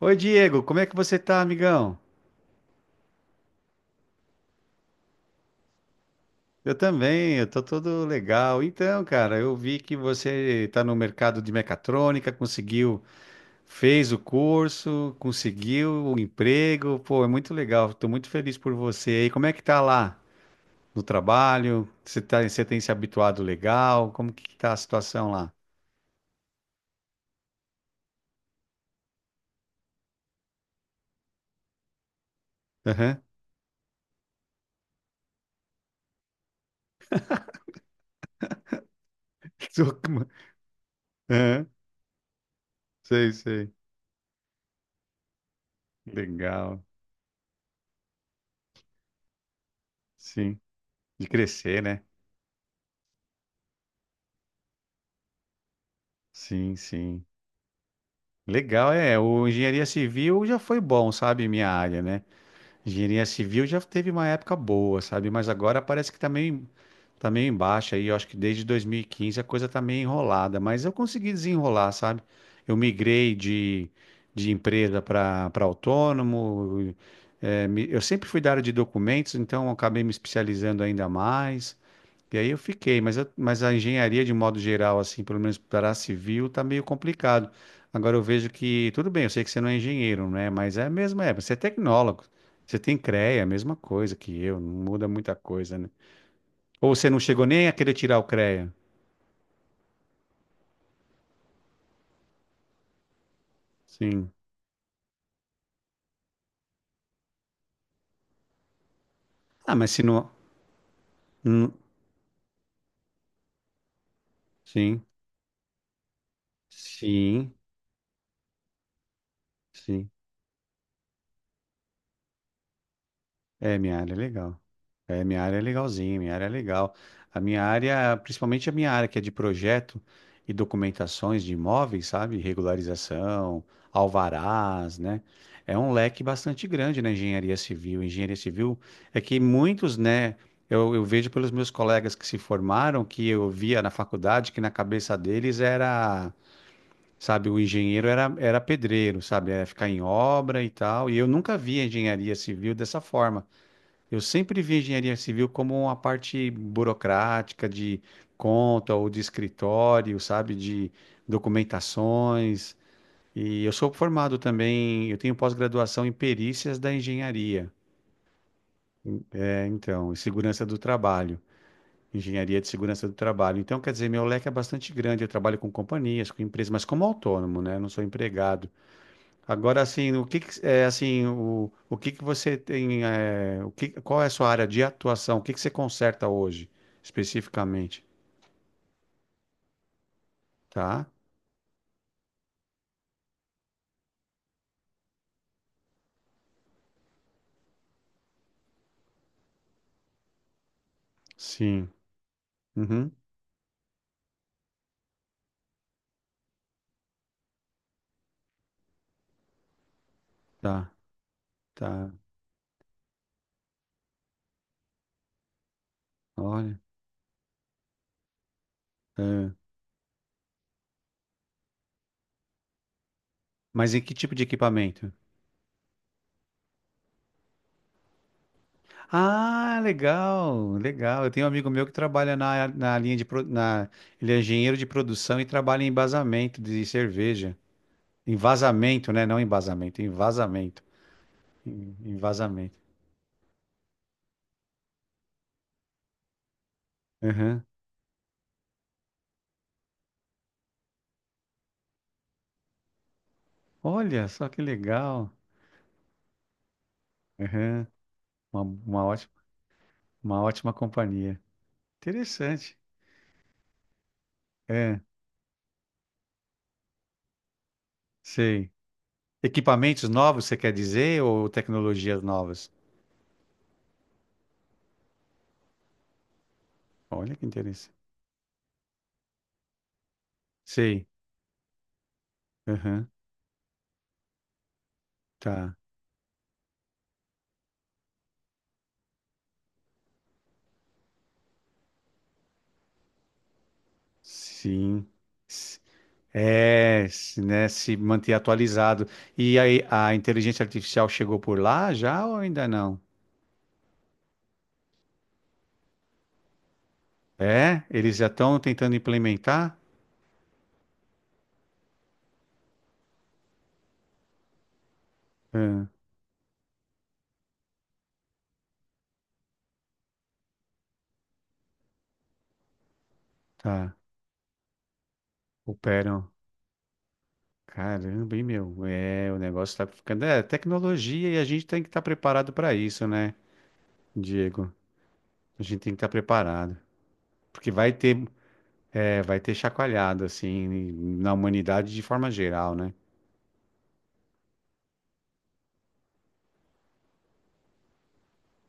Oi, Diego, como é que você tá, amigão? Eu também, eu tô todo legal. Então, cara, eu vi que você tá no mercado de mecatrônica, conseguiu, fez o curso, conseguiu o emprego. Pô, é muito legal. Tô muito feliz por você. E como é que tá lá no trabalho? Você tem se habituado legal? Como que tá a situação lá? Aham. Tô com- Aham. Sei, sei. Legal. Sim. De crescer, né? Sim, sim. Legal, é. O engenharia civil já foi bom, sabe? Minha área, né? Engenharia civil já teve uma época boa, sabe? Mas agora parece que também tá em baixa aí. Eu acho que desde 2015 a coisa tá meio enrolada, mas eu consegui desenrolar, sabe? Eu migrei de empresa para autônomo. Eu sempre fui da área de documentos, então eu acabei me especializando ainda mais. E aí eu fiquei, mas a engenharia de modo geral, assim, pelo menos para a civil, tá meio complicado. Agora eu vejo que, tudo bem, eu sei que você não é engenheiro, né? Mas é mesmo, você é tecnólogo. Você tem CREA, a mesma coisa que eu, não muda muita coisa, né? Ou você não chegou nem a querer tirar o CREA? Sim. Ah, mas se não. Hum, sim, sim, sim. É, minha área, é legal. É, minha área é legalzinha, minha área é legal. A minha área, principalmente a minha área que é de projeto e documentações de imóveis, sabe? Regularização, alvarás, né? É um leque bastante grande na engenharia civil. Engenharia civil é que muitos, né? Eu vejo pelos meus colegas que se formaram, que eu via na faculdade, que na cabeça deles era, sabe, o engenheiro era pedreiro, sabe? Era ficar em obra e tal. E eu nunca vi a engenharia civil dessa forma. Eu sempre vi a engenharia civil como uma parte burocrática de conta ou de escritório, sabe, de documentações. E eu sou formado também, eu tenho pós-graduação em perícias da engenharia, então, e segurança do trabalho, engenharia de segurança do trabalho. Então, quer dizer, meu leque é bastante grande. Eu trabalho com companhias, com empresas, mas como autônomo, né? Eu não sou empregado. Agora, assim, é assim, o que que você tem, qual é a sua área de atuação? O que que você conserta hoje, especificamente? Tá? Sim. Uhum. Tá, tá. Olha. É. Mas em que tipo de equipamento? Ah, legal, legal. Eu tenho um amigo meu que trabalha na linha, ele é engenheiro de produção e trabalha em embasamento de cerveja. Em vazamento, né? Não em embasamento, em vazamento. Em vazamento. Uhum. Olha só que legal. Aham. Uma, uma ótima, uma ótima companhia. Interessante. É, sei. Equipamentos novos, você quer dizer, ou tecnologias novas? Olha que interessante. Sei. Aham. Tá. Sim. S- se manter atualizado. E aí, a inteligência artificial chegou por lá já ou ainda não? É? Eles já estão tentando implementar? Ah, tá. Operam. Caramba, hein, meu? É, o negócio tá ficando. É, tecnologia e a gente tem que estar preparado para isso, né, Diego? A gente tem que estar preparado. Porque vai ter chacoalhado, assim, na humanidade de forma geral, né?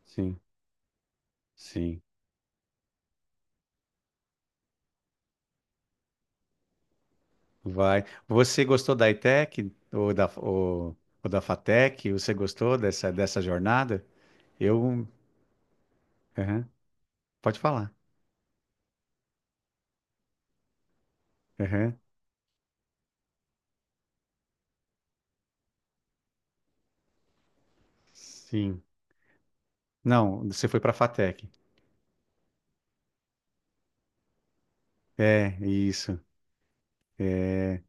Sim, sim. Vai. Você gostou da ITEC ou da FATEC? Você gostou dessa jornada? Eu. Aham. Pode falar. Aham. Sim. Não, você foi para a FATEC. É, isso. É.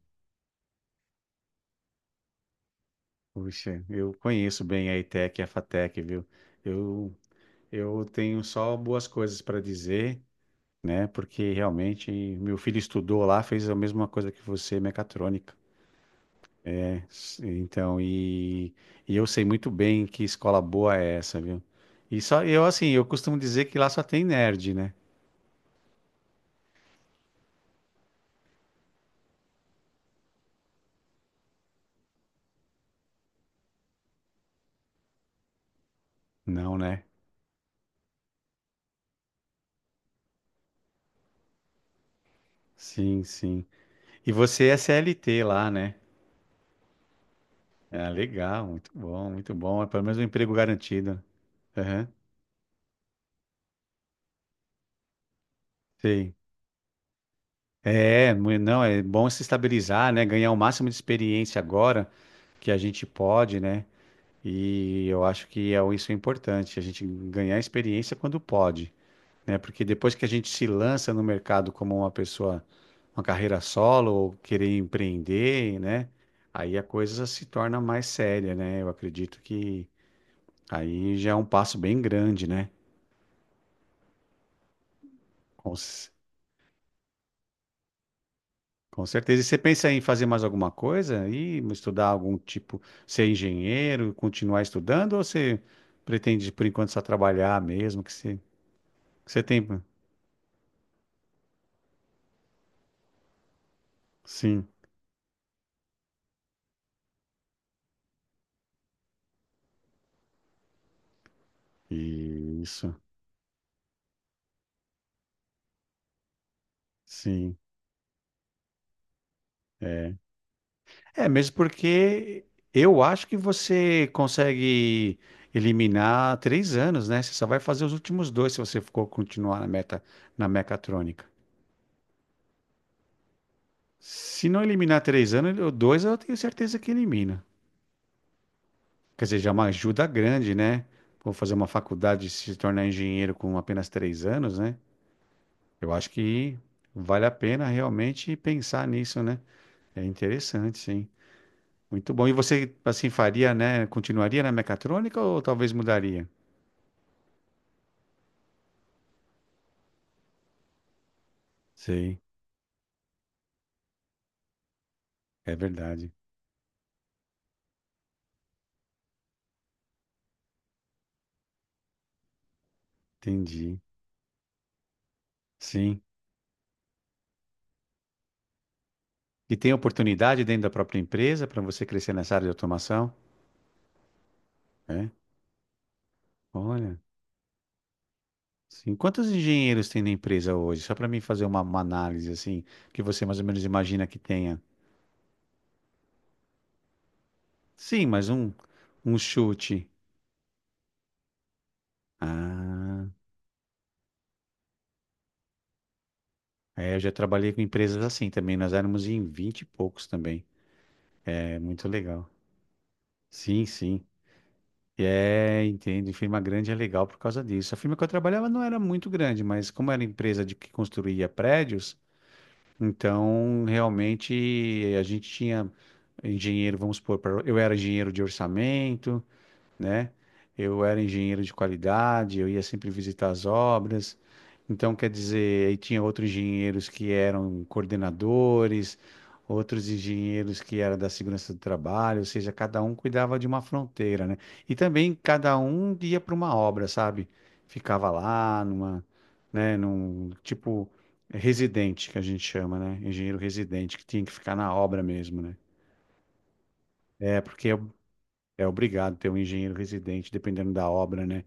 Puxa, eu conheço bem a ETEC e a FATEC, viu? Eu, eu tenho só boas coisas para dizer, né? Porque realmente meu filho estudou lá, fez a mesma coisa que você, mecatrônica, né? Então, e eu sei muito bem que escola boa é essa, viu? E só eu, assim, eu costumo dizer que lá só tem nerd, né? Não, né? Sim, sim. E você é CLT lá, né? Ah, legal, muito bom, muito bom. É pelo menos um emprego garantido. Aham. Sim. É, não, é bom se estabilizar, né? Ganhar o máximo de experiência agora que a gente pode, né? E eu acho que isso é importante, a gente ganhar experiência quando pode, né? Porque depois que a gente se lança no mercado como uma pessoa, uma carreira solo ou querer empreender, né? Aí a coisa se torna mais séria, né? Eu acredito que aí já é um passo bem grande, né? Com certeza. E você pensa em fazer mais alguma coisa, aí estudar algum tipo, ser engenheiro, continuar estudando? Ou você pretende, por enquanto, só trabalhar mesmo? Que você tem. Sim, isso. Sim. É. É, mesmo porque eu acho que você consegue eliminar 3 anos, né? Você só vai fazer os últimos dois se você for continuar na meta, na mecatrônica. Se não eliminar 3 anos, dois eu tenho certeza que elimina. Quer dizer, já é uma ajuda grande, né? Vou fazer uma faculdade e se tornar engenheiro com apenas 3 anos, né? Eu acho que vale a pena realmente pensar nisso, né? É interessante, sim. Muito bom. E você, assim, faria, né? Continuaria na mecatrônica ou talvez mudaria? Sei, é verdade. Entendi. Sim. E tem oportunidade dentro da própria empresa para você crescer nessa área de automação? É? Olha. Sim. Quantos engenheiros tem na empresa hoje? Só para mim fazer uma análise assim, que você mais ou menos imagina que tenha. Sim, mas um chute. Ah, é, eu já trabalhei com empresas assim também. Nós éramos em 20 e poucos também. É muito legal. Sim, sim. E entendo. E firma grande é legal por causa disso. A firma que eu trabalhava não era muito grande, mas como era empresa de que construía prédios, então realmente a gente tinha engenheiro, vamos supor, eu era engenheiro de orçamento, né? Eu era engenheiro de qualidade, eu ia sempre visitar as obras. Então, quer dizer, aí tinha outros engenheiros que eram coordenadores, outros engenheiros que eram da segurança do trabalho, ou seja, cada um cuidava de uma fronteira, né? E também cada um ia para uma obra, sabe? Ficava lá numa, né, num tipo residente que a gente chama, né? Engenheiro residente que tinha que ficar na obra mesmo, né? É, porque é obrigado ter um engenheiro residente dependendo da obra, né?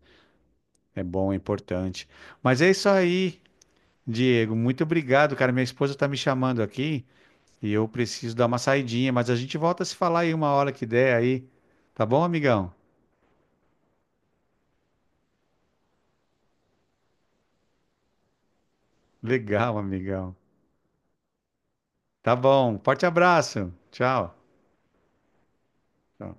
É bom, é importante. Mas é isso aí, Diego. Muito obrigado, cara. Minha esposa está me chamando aqui e eu preciso dar uma saidinha, mas a gente volta a se falar aí uma hora que der aí. Tá bom, amigão? Legal, amigão. Tá bom. Forte abraço. Tchau. Tchau.